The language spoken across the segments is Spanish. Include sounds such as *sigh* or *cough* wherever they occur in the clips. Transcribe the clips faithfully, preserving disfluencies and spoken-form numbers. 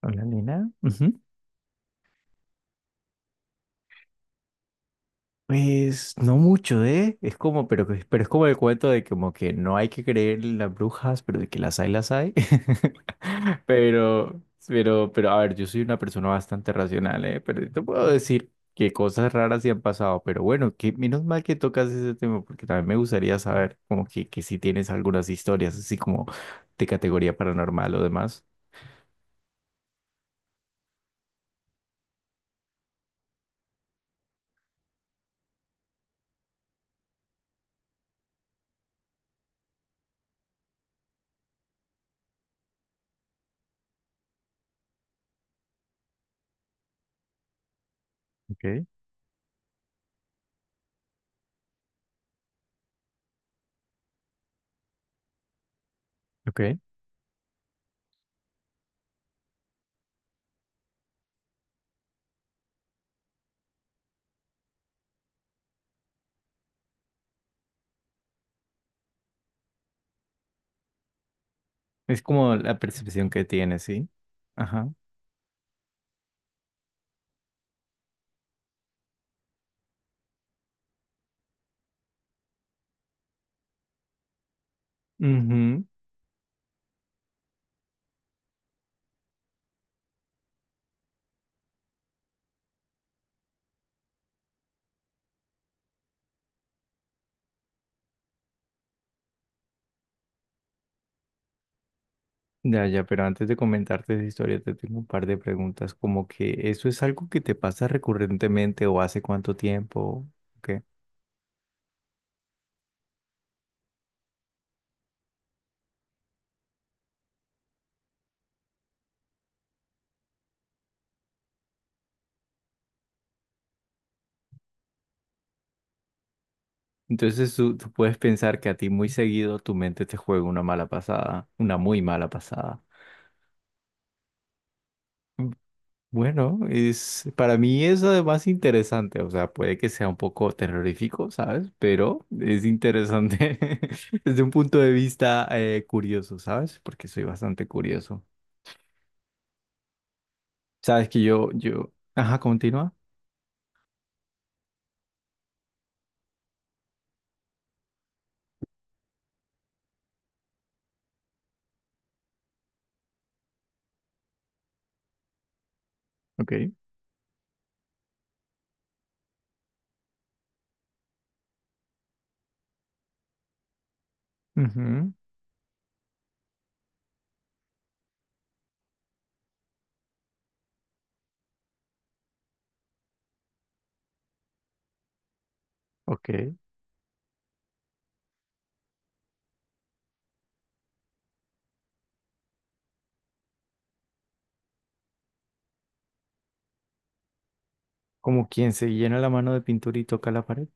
Hola, Nina, Ujú. Pues no mucho, ¿eh? Es como, pero, que- pero es como el cuento de como que no hay que creer en las brujas, pero de que las hay, las hay. *laughs* Pero, pero, pero, a ver, yo soy una persona bastante racional, ¿eh? Pero te puedo decir que cosas raras sí han pasado, pero bueno, que menos mal que tocas ese tema, porque también me gustaría saber como que, que si tienes algunas historias así como de categoría paranormal o demás. Okay. Okay. Es como la percepción que tienes, ¿sí? Ajá. Ya, ya, pero antes de comentarte esa historia, te tengo un par de preguntas, como que eso es algo que te pasa recurrentemente o hace cuánto tiempo, ¿qué? Entonces tú, tú puedes pensar que a ti muy seguido tu mente te juega una mala pasada, una muy mala pasada. Mm, bueno, es, para mí es además interesante, o sea, puede que sea un poco terrorífico, ¿sabes? Pero es interesante *laughs* desde un punto de vista eh, curioso, ¿sabes? Porque soy bastante curioso. Sabes que yo, yo, ajá, continúa. Ok. Ujú. Ok. Como quien se llena la mano de pintura y toca la pared.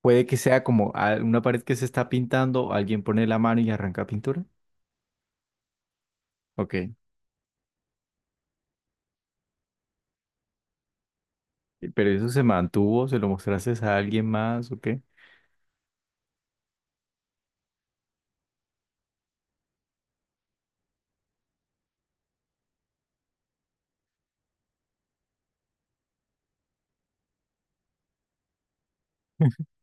Puede que sea como a- una pared que se está pintando, alguien pone la mano y arranca pintura. Ok. Pero eso se mantuvo. ¿Se lo mostraste a alguien más, o qué? *laughs*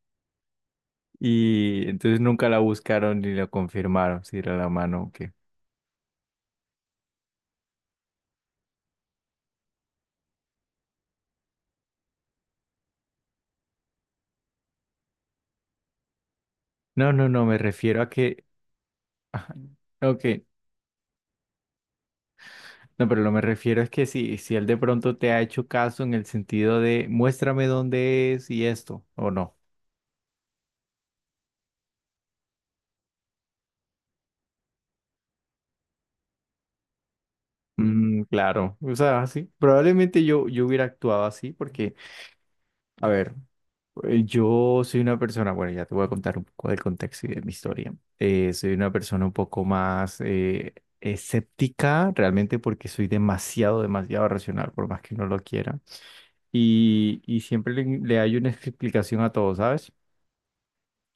Y entonces nunca la buscaron ni la confirmaron si era la mano o qué. No, no, no, me refiero a que... Ajá. Ok, no, pero lo me refiero es que si, si él de pronto te ha hecho caso en el sentido de muéstrame dónde es y esto, o no. Mm, claro, o sea, sí, probablemente yo, yo hubiera actuado así porque, a ver, eh, yo soy una persona, bueno, ya te voy a contar un poco del contexto y de mi historia. Eh, soy una persona un poco más eh, escéptica realmente porque soy demasiado, demasiado racional, por más que no lo quiera. Y, y siempre le, le hay una explicación a todo, ¿sabes?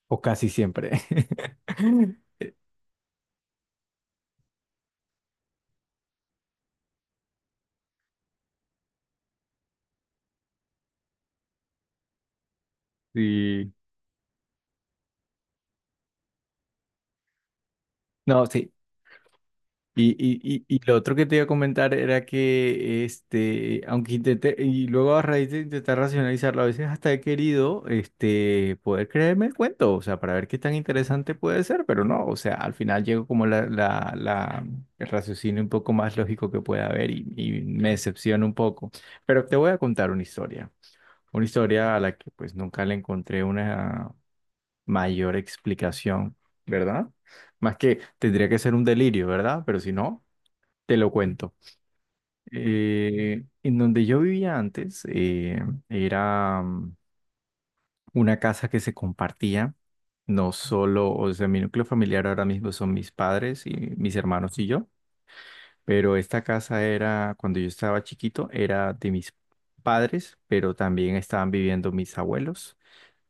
O casi siempre. *laughs* Sí. No, sí. Y, y, y, y lo otro que te iba a comentar era que, este, aunque intenté, y luego a raíz de intentar racionalizarlo, a veces hasta he querido, este, poder creerme el cuento, o sea, para ver qué tan interesante puede ser, pero no, o sea, al final llego como la, la, la, el raciocinio un poco más lógico que pueda haber y, y me decepciona un poco. Pero te voy a contar una historia, una historia a la que pues nunca le encontré una mayor explicación, ¿verdad? Más que tendría que ser un delirio, ¿verdad? Pero si no... Te lo cuento. Eh, en donde yo vivía antes, eh, era mm, una casa que se compartía, no solo, o sea, mi núcleo familiar ahora mismo son mis padres y mis hermanos y yo, pero esta casa era, cuando yo estaba chiquito, era de mis padres, pero también estaban viviendo mis abuelos,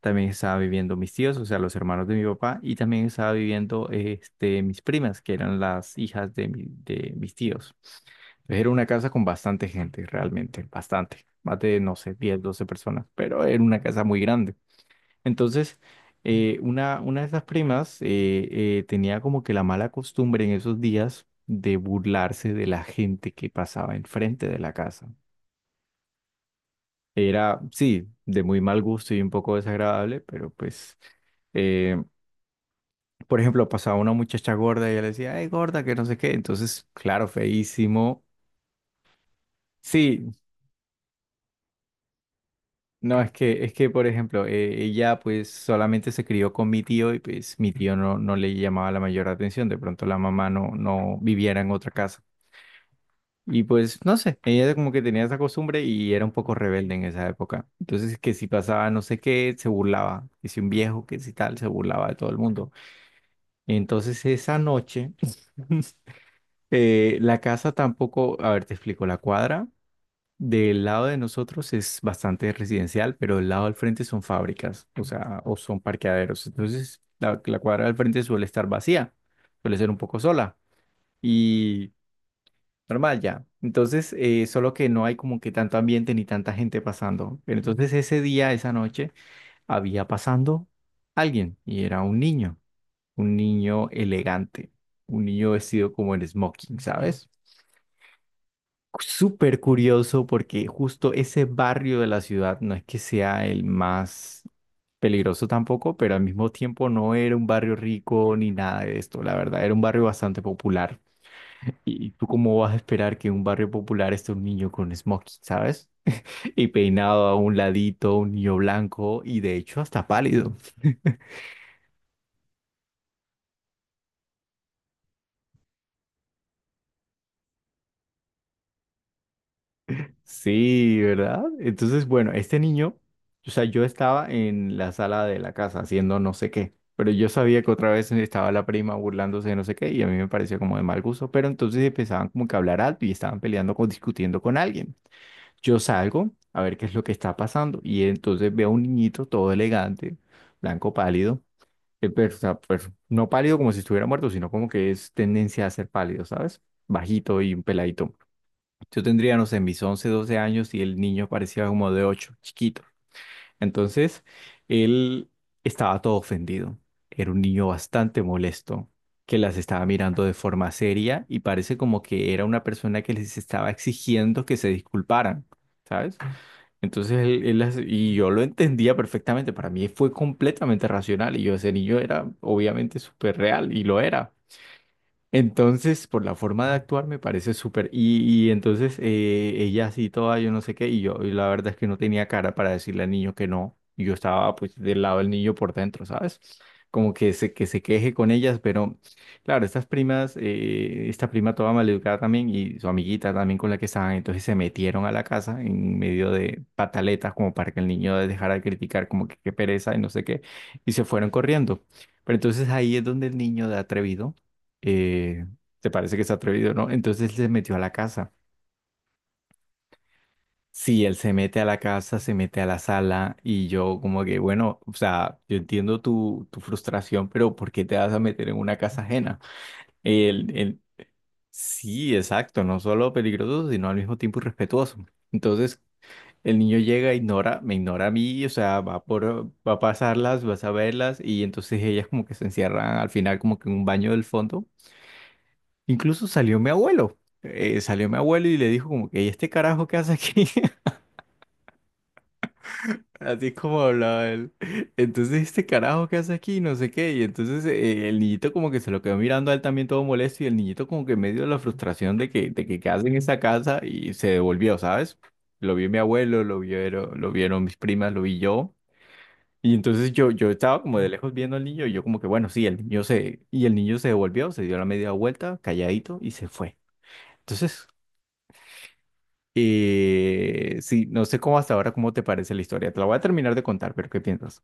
también estaban viviendo mis tíos, o sea, los hermanos de mi papá, y también estaba viviendo este, mis primas, que eran las hijas de, mi- de mis tíos. Era una casa con bastante gente, realmente, bastante, más de, no sé, diez, doce personas, pero era una casa muy grande. Entonces, eh, una, una de esas primas eh, eh, tenía como que la mala costumbre en esos días de burlarse de la gente que pasaba enfrente de la casa. Era, sí, de muy mal gusto y un poco desagradable, pero pues, eh, por ejemplo, pasaba una muchacha gorda y ella le decía, ay, gorda, que no sé qué. Entonces, claro, feísimo. Sí. No, es que, es que, por ejemplo, eh, ella pues solamente se crió con mi tío y pues mi tío no, no le llamaba la mayor atención, de pronto la mamá no, no viviera en otra casa. Y pues, no sé, ella como que tenía esa costumbre y era un poco rebelde en esa época. Entonces, que si pasaba no sé qué, se burlaba, que si un viejo, que si tal, se burlaba de todo el mundo. Entonces, esa noche, *laughs* eh, la casa tampoco, a ver, te explico, la cuadra. Del lado de nosotros es bastante residencial, pero del lado al frente son fábricas, o sea, o son parqueaderos. Entonces, la, la cuadra del frente suele estar vacía, suele ser un poco sola y normal ya. Entonces, eh, solo que no hay como que tanto ambiente ni tanta gente pasando. Pero entonces ese día, esa noche, había pasando alguien y era un niño, un niño elegante, un niño vestido como en smoking, ¿sabes? Súper curioso porque justo ese barrio de la ciudad no es que sea el más peligroso tampoco, pero al mismo tiempo no era un barrio rico ni nada de esto, la verdad, era un barrio bastante popular. ¿Y tú cómo vas a esperar que en un barrio popular esté un niño con smoking? ¿Sabes? Y peinado a un ladito, un niño blanco y de hecho hasta pálido. Sí, ¿verdad? Entonces, bueno, este niño, o sea, yo estaba en la sala de la casa haciendo no sé qué, pero yo sabía que otra vez estaba la prima burlándose de no sé qué y a mí me parecía como de mal gusto, pero entonces empezaban como que a hablar alto y estaban peleando o discutiendo con alguien. Yo salgo a ver qué es lo que está pasando y entonces veo a un niñito todo elegante, blanco pálido, eh, pero, o sea, pues, no pálido como si estuviera muerto, sino como que es tendencia a ser pálido, ¿sabes? Bajito y un peladito. Yo tendría, no sé, mis once doce años y el niño parecía como de ocho chiquito. Entonces, él estaba todo ofendido. Era un niño bastante molesto, que las estaba mirando de forma seria y parece como que era una persona que les estaba exigiendo que se disculparan, ¿sabes? Entonces, él, él las- y yo lo entendía perfectamente. Para mí fue completamente racional y yo, ese niño era obviamente súper real y lo era. Entonces, por la forma de actuar me parece súper. Y, y entonces eh, ella así toda, yo no sé qué, y yo y la verdad es que no tenía cara para decirle al niño que no. Y yo estaba pues del lado del niño por dentro, ¿sabes? Como que se, que se queje con ellas, pero claro, estas primas, eh, esta prima toda maleducada también y su amiguita también con la que estaban, entonces se metieron a la casa en medio de pataletas como para que el niño dejara de criticar como que qué pereza y no sé qué, y se fueron corriendo. Pero entonces ahí es donde el niño de atrevido eh, te parece que es atrevido, ¿no? Entonces él se metió a la casa. Sí, él se mete a la casa, se mete a la sala y yo como que, bueno, o sea, yo entiendo tu, tu frustración, pero ¿por qué te vas a meter en una casa ajena? El, el, sí, exacto, no solo peligroso, sino al mismo tiempo irrespetuoso. Entonces el niño llega, ignora, me ignora a mí, o sea, va por, va a pasarlas, vas a verlas y entonces ellas como que se encierran al final como que en un baño del fondo. Incluso salió mi abuelo. Eh, salió mi abuelo y le dijo como que, ¿y este carajo qué hace aquí? *laughs* Así como hablaba él. Entonces, ¿este carajo qué hace aquí? No sé qué. Y entonces eh, el niñito como que se lo quedó mirando a él también todo molesto y el niñito como que en medio de la frustración de que, de que, qué hace en esa casa y se devolvió, ¿sabes? Lo vio mi abuelo, lo vieron, lo vieron mis primas, lo vi yo. Y entonces yo, yo estaba como de lejos viendo al niño y yo como que, bueno, sí, el niño se, y el niño se devolvió, se dio la media vuelta, calladito y se fue. Entonces, Eh, sí, no sé cómo hasta ahora, cómo te parece la historia. Te la voy a terminar de contar, pero ¿qué piensas?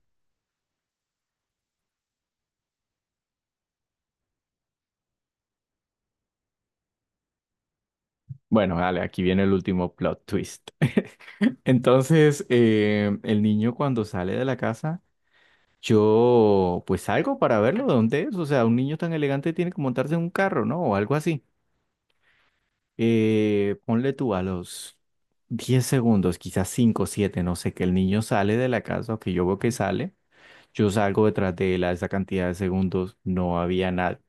Bueno, dale, aquí viene el último plot twist. *laughs* Entonces, eh, el niño cuando sale de la casa, yo pues salgo para verlo, ¿de dónde es? O sea, un niño tan elegante tiene que montarse en un carro, ¿no? O algo así. Eh, ponle tú a los diez segundos, quizás cinco, siete, no sé, que el niño sale de la casa o que yo veo que sale. Yo salgo detrás de él a esa cantidad de segundos, no había nada.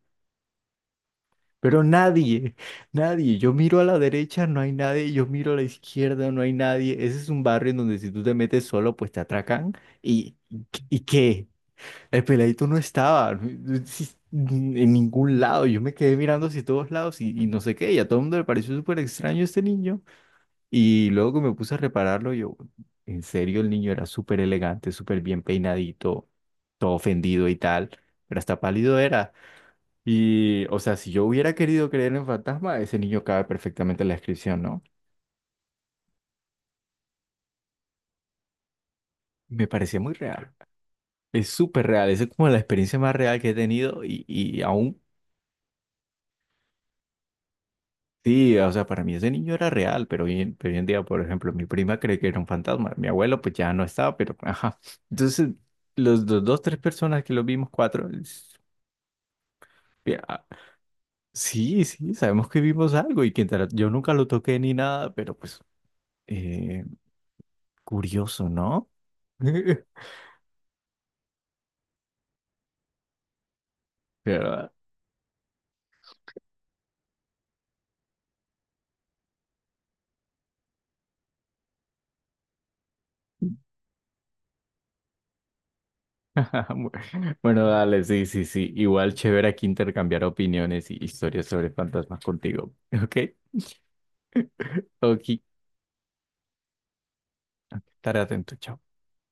Pero nadie, nadie. Yo miro a la derecha, no hay nadie. Yo miro a la izquierda, no hay nadie. Ese es un barrio en donde si tú te metes solo, pues te atracan. ¿Y, y qué? El peladito no estaba si- en ningún lado. Yo me quedé mirando hacia todos lados y, y no sé qué. Y a todo el mundo le pareció súper extraño este niño. Y luego que me puse a repararlo, yo, en serio, el niño era súper elegante, súper bien peinadito, todo ofendido y tal. Pero hasta pálido era. Y, o sea, si yo hubiera querido creer en fantasma, ese niño cabe perfectamente en la descripción, ¿no? Me parecía muy real. Es súper real. Esa es como la experiencia más real que he tenido y, y aún, sí, o sea, para mí ese niño era real, pero hoy, en pero hoy en día, por ejemplo, mi prima cree que era un fantasma. Mi abuelo, pues ya no estaba, pero, *laughs* ajá. Entonces, los, dos, dos, tres personas que lo vimos, cuatro, es- ya, ah, sí, sí, sabemos que vimos algo y que intera- yo nunca lo toqué ni nada, pero pues, eh, curioso, ¿no? *laughs* Pero, *laughs* Bueno, dale, sí, sí, sí. Igual chévere aquí intercambiar opiniones y historias sobre fantasmas contigo. *laughs* Ok, ok, estaré atento, chao.